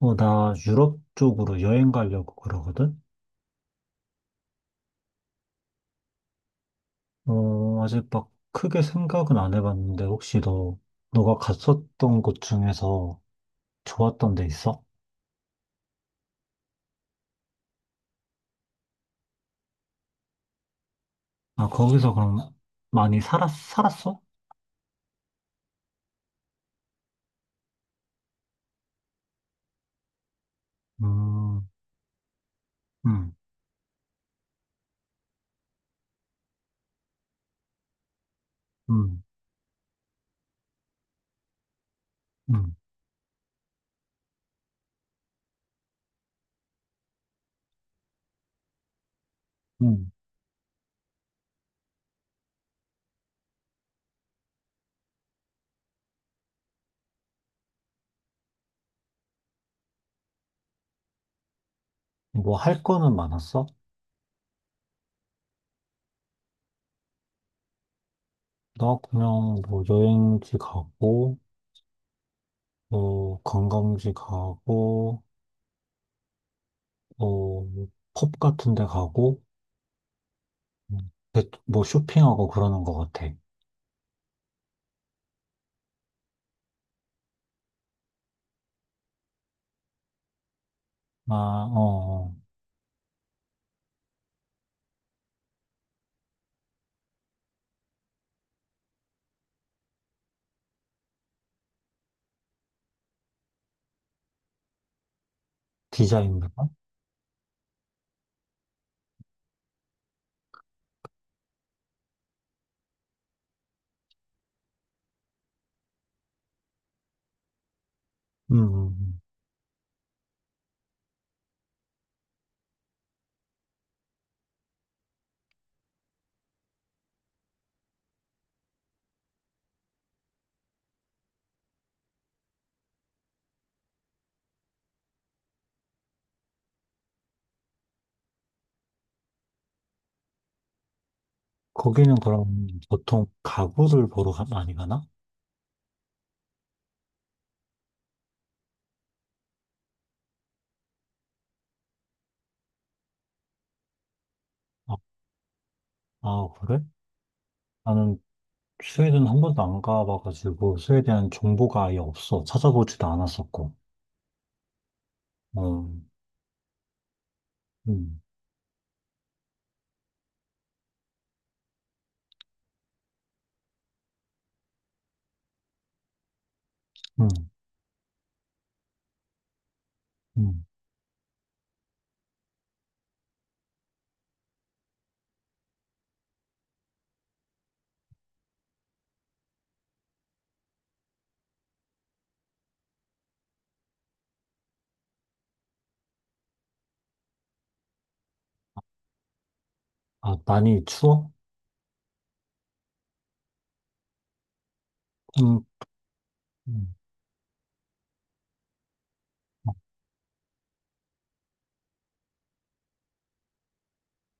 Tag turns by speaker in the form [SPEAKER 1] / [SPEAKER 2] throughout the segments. [SPEAKER 1] 나 유럽 쪽으로 여행 가려고 그러거든? 아직 막 크게 생각은 안 해봤는데, 혹시 너가 갔었던 곳 중에서 좋았던 데 있어? 아, 거기서 그럼 많이 살았어? 음, 음, 음, 음, 음. 뭐 할 거는 많았어? 나 그냥 뭐 여행지 가고, 관광지 가고, 어, 뭐 펍 같은 데 가고, 뭐 쇼핑하고 그러는 것 같아. 아, 어, 어. 디자인부가? 음, 음, 음. 거기는 그럼 보통 가구를 보러 많이 가나? 아, 아, 그래? 나는 스웨덴 한 번도 안 가봐가지고, 스웨덴 정보가 아예 없어. 찾아보지도 않았었고. 어, 음, 음, 음. 아, 많이 추워? 음, 음.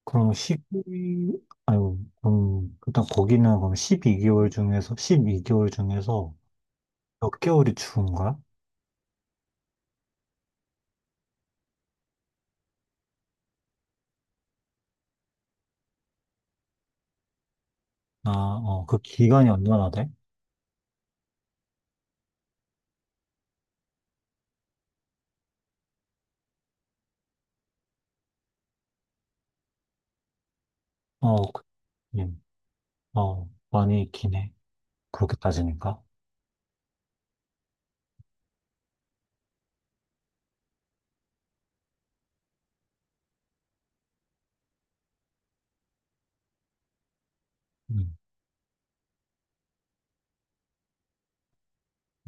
[SPEAKER 1] 그럼 12, 아유, 일단 거기는 그럼 십이 개월 중에서 몇 개월이 추운 거야? 아, 어, 그 기간이 얼마나 돼? 어, 그- 예. 많이 있긴 해. 그렇게 따지니까. 음,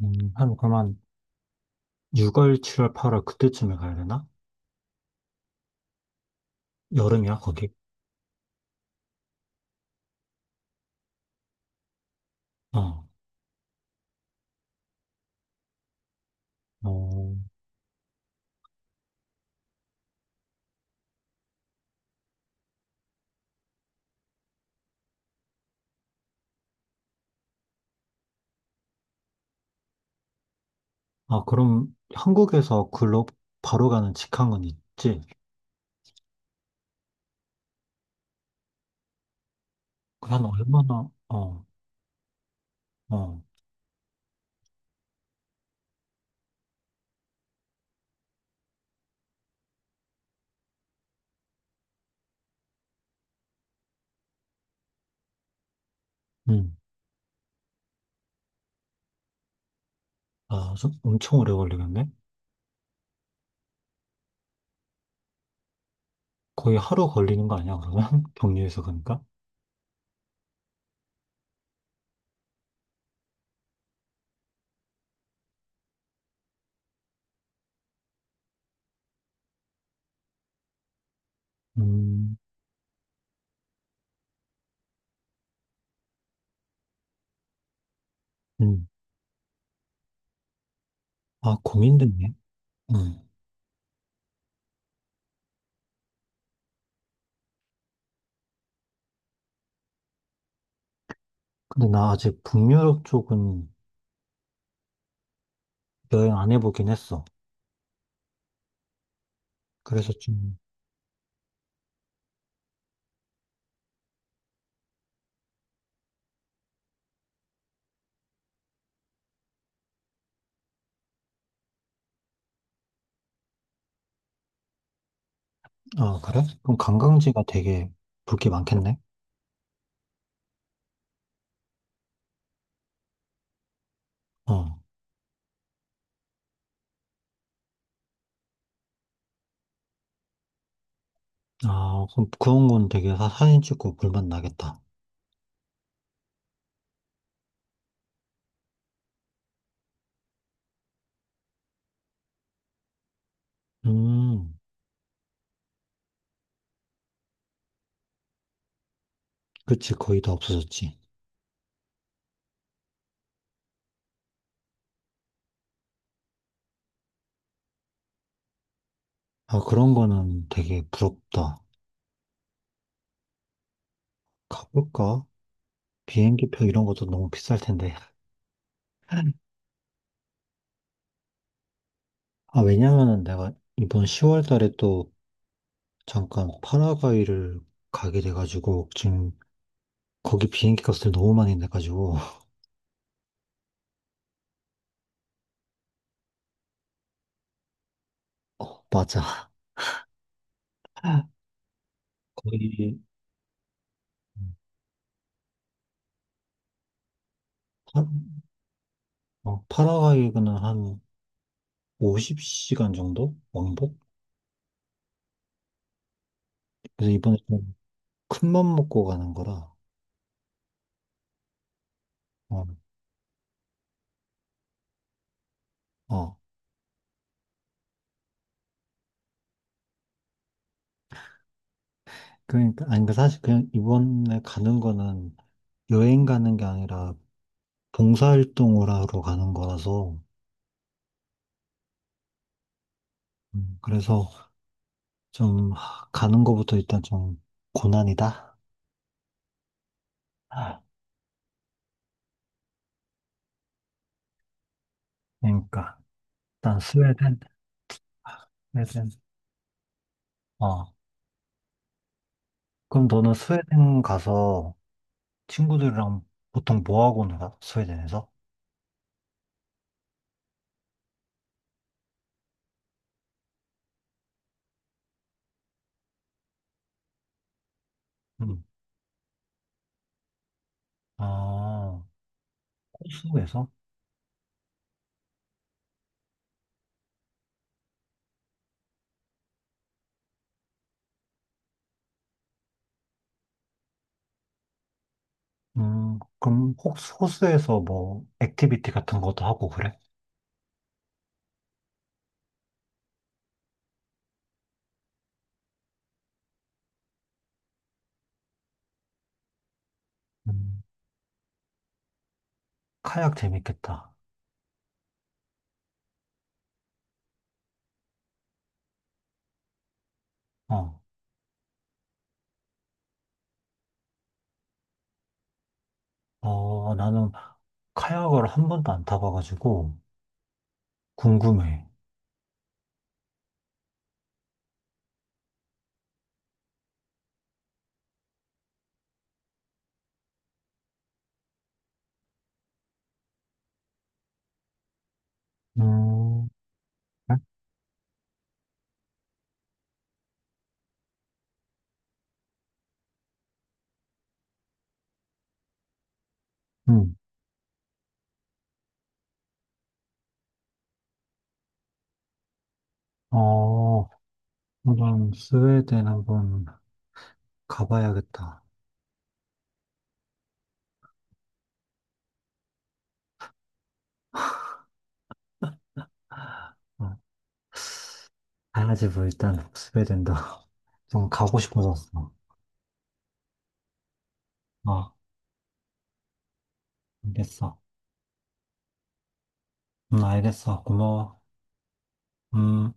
[SPEAKER 1] 그러면 6월, 7월, 8월 그때쯤에 가야 되나? 여름이야, 거기? 어, 어. 아, 그럼 한국에서 글로 바로 가는 직항은 있지? 그한 얼마나, 어, 음. 아, 좀 엄청 오래 걸리겠네? 거의 하루 걸리는 거 아니야, 그러면? 경유해서 가니까? 음, 음. 아, 고민됐네. 음. 근데 나 아직 북유럽 쪽은 여행 안 해보긴 했어. 그래서 아, 그래? 그럼 관광지가 되게 볼 게 많겠네? 어. 아, 그럼 그런 건 되게 사진 찍고 볼만 나겠다. 음, 그치. 거의 다 없어졌지. 아, 그런 거는 되게 부럽다. 가볼까? 비행기표 이런 것도 너무 비쌀 텐데. 아, 왜냐면은 내가 이번 10월 달에 또 잠깐 파라과이를 가게 돼가지고 지금 거기 비행기 값을 너무 많이 내가지고. 어, 맞아. 거의 파- 파라과이는 한 50시간 정도? 왕복? 그래서 이번에 좀 큰 맘 먹고 가는 거라. 어, 어. 그러니까, 아니, 그 사실 그냥 이번에 가는 거는 여행 가는 게 아니라 봉사활동을 하러 가는 거라서, 그래서 좀 가는 거부터 일단 좀 고난이다. 아, 그러니까, 일단 스웨덴, 아, 스웨덴. 어. 그럼 너는 스웨덴 가서 친구들이랑 보통 뭐 하고 놀아? 스웨덴에서? 음. 아, 코스에서? 그럼 혹시 호수에서 뭐 액티비티 같은 것도 하고 그래? 음, 카약 재밌겠다. 어, 나는 카약을 한 번도 안 타봐가지고 궁금해. 음, 그래? 음, 어, 한번 스웨덴 한번 가봐야겠다. 어, 가야지 뭐 일단 스웨덴도 좀 가고 싶어졌어. 어, 알겠어. 알겠어. 고마워. 음.